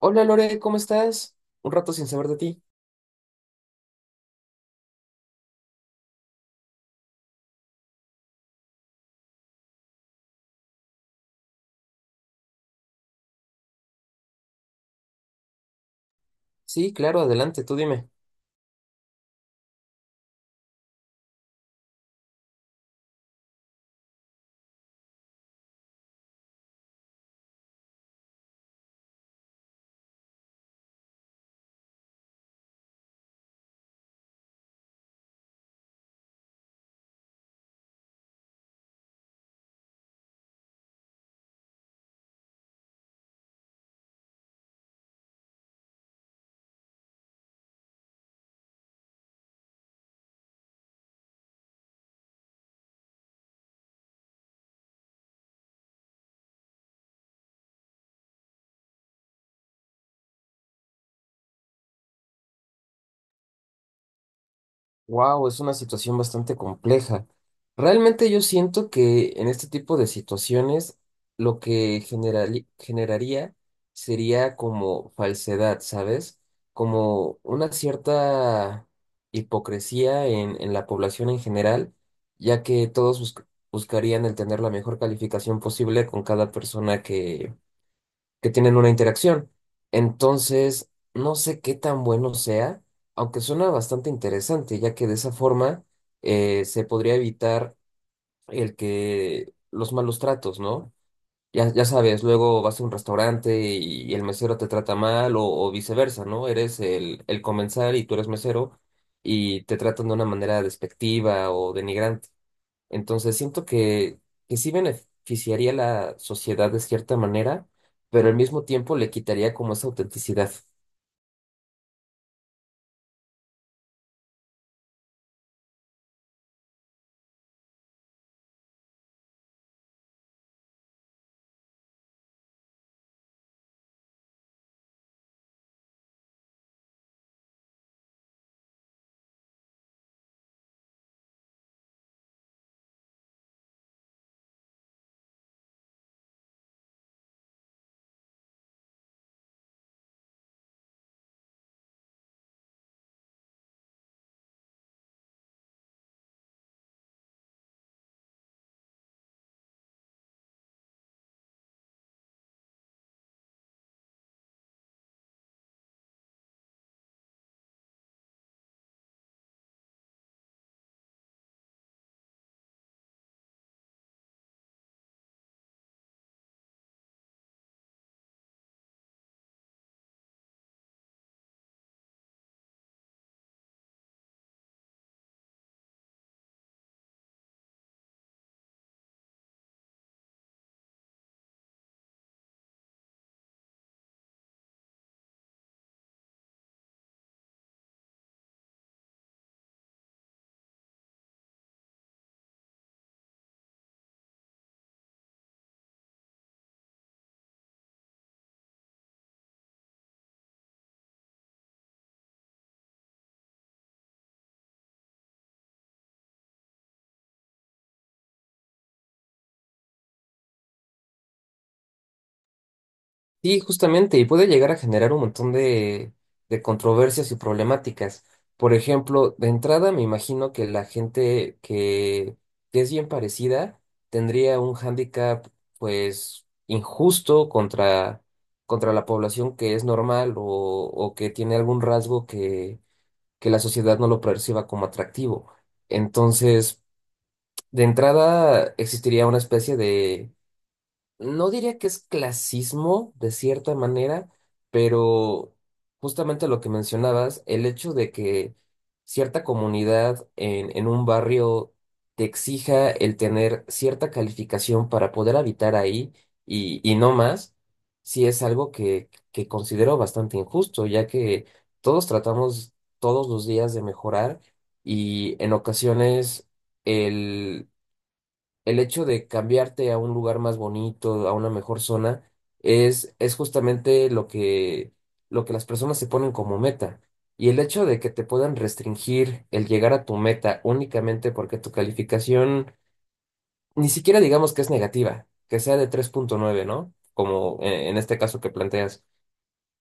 Hola Lore, ¿cómo estás? Un rato sin saber de ti. Sí, claro, adelante, tú dime. Wow, es una situación bastante compleja. Realmente yo siento que en este tipo de situaciones lo que generaría sería como falsedad, ¿sabes? Como una cierta hipocresía en la población en general, ya que buscarían el tener la mejor calificación posible con cada persona que tienen una interacción. Entonces, no sé qué tan bueno sea, aunque suena bastante interesante, ya que de esa forma se podría evitar el que los malos tratos, ¿no? Ya, ya sabes, luego vas a un restaurante y el mesero te trata mal o viceversa, ¿no? Eres el comensal y tú eres mesero y te tratan de una manera despectiva o denigrante. Entonces siento que sí beneficiaría a la sociedad de cierta manera, pero al mismo tiempo le quitaría como esa autenticidad. Sí, justamente, y puede llegar a generar un montón de controversias y problemáticas. Por ejemplo, de entrada me imagino que la gente que es bien parecida tendría un hándicap pues injusto contra la población que es normal o que tiene algún rasgo que la sociedad no lo perciba como atractivo. Entonces, de entrada, existiría una especie de no diría que es clasismo, de cierta manera, pero justamente lo que mencionabas, el hecho de que cierta comunidad en un barrio te exija el tener cierta calificación para poder habitar ahí y no más, sí es algo que considero bastante injusto, ya que todos tratamos todos los días de mejorar y en ocasiones el hecho de cambiarte a un lugar más bonito, a una mejor zona, es justamente lo que las personas se ponen como meta. Y el hecho de que te puedan restringir el llegar a tu meta únicamente porque tu calificación, ni siquiera digamos que es negativa, que sea de 3.9, ¿no? Como en este caso que planteas,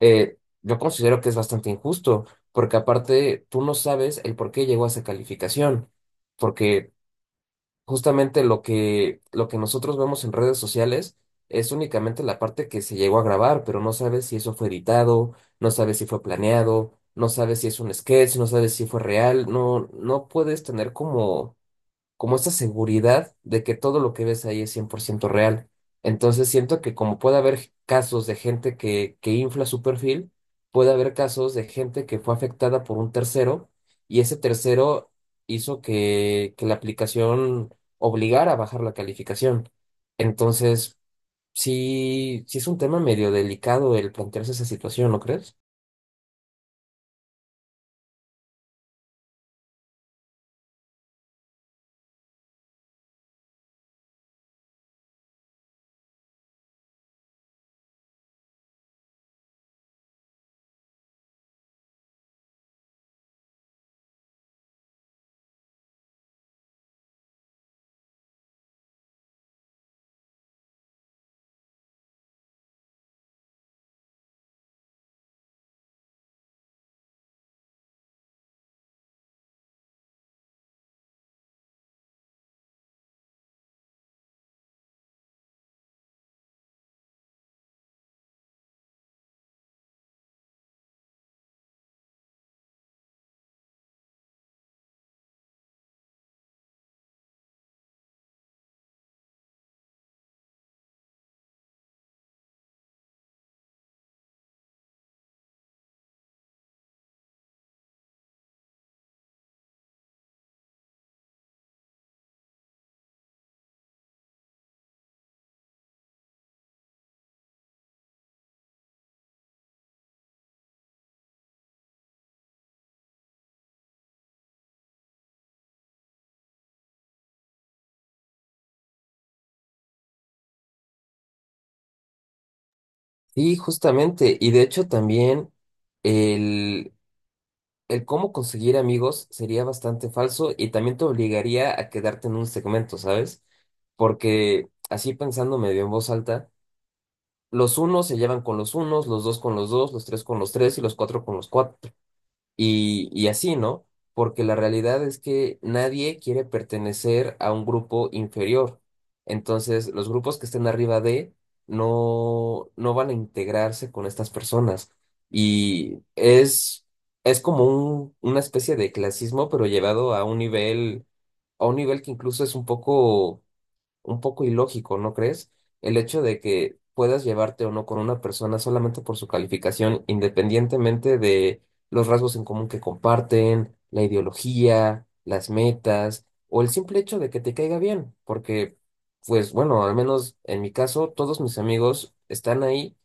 eh, yo considero que es bastante injusto, porque aparte tú no sabes el por qué llegó a esa calificación, porque justamente lo que nosotros vemos en redes sociales es únicamente la parte que se llegó a grabar, pero no sabes si eso fue editado, no sabes si fue planeado, no sabes si es un sketch, no sabes si fue real, no, no puedes tener como como esta seguridad de que todo lo que ves ahí es 100% real. Entonces siento que como puede haber casos de gente que infla su perfil, puede haber casos de gente que fue afectada por un tercero y ese tercero hizo que la aplicación obligara a bajar la calificación. Entonces, sí, sí es un tema medio delicado el plantearse esa situación, ¿no crees? Sí, justamente. Y de hecho también el cómo conseguir amigos sería bastante falso y también te obligaría a quedarte en un segmento, ¿sabes? Porque así pensando medio en voz alta, los unos se llevan con los unos, los dos con los dos, los tres con los tres y los cuatro con los cuatro. Y así, ¿no? Porque la realidad es que nadie quiere pertenecer a un grupo inferior. Entonces, los grupos que estén arriba de no, no van a integrarse con estas personas. Y es como una especie de clasismo, pero llevado a un nivel que incluso es un poco ilógico, ¿no crees? El hecho de que puedas llevarte o no con una persona solamente por su calificación, independientemente de los rasgos en común que comparten, la ideología, las metas o el simple hecho de que te caiga bien, porque, pues bueno, al menos en mi caso, todos mis amigos están ahí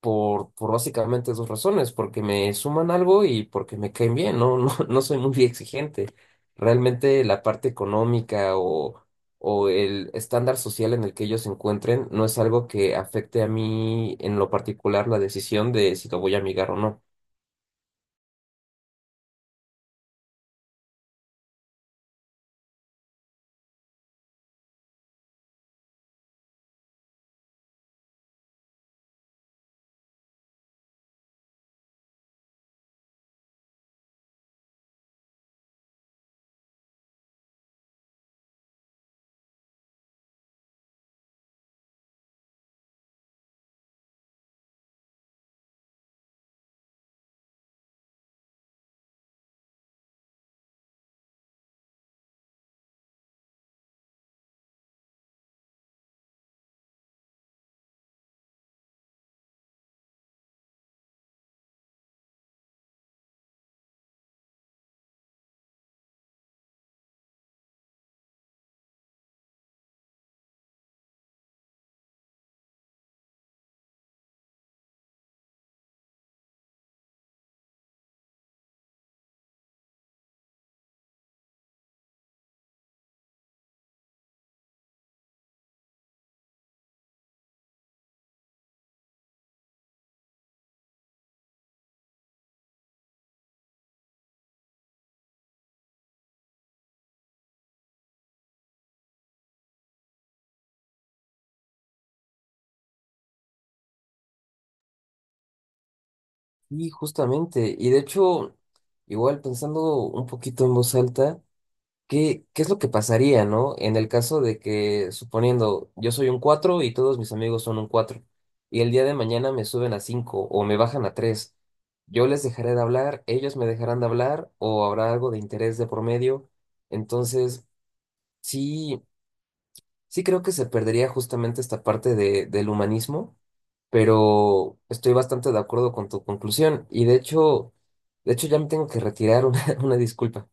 por básicamente dos razones, porque me suman algo y porque me caen bien, no, no, no soy muy exigente. Realmente la parte económica o el estándar social en el que ellos se encuentren no es algo que afecte a mí en lo particular la decisión de si lo voy a amigar o no. Y justamente, y de hecho, igual pensando un poquito en voz alta, ¿qué, qué es lo que pasaría, ¿no? En el caso de que, suponiendo, yo soy un 4 y todos mis amigos son un 4 y el día de mañana me suben a 5 o me bajan a tres, yo les dejaré de hablar, ellos me dejarán de hablar o habrá algo de interés de por medio. Entonces, sí, sí creo que se perdería justamente esta parte del humanismo, pero estoy bastante de acuerdo con tu conclusión y de hecho ya me tengo que retirar, una disculpa.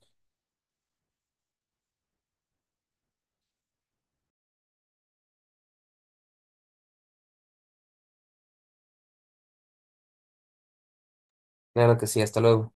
Claro que sí, hasta luego.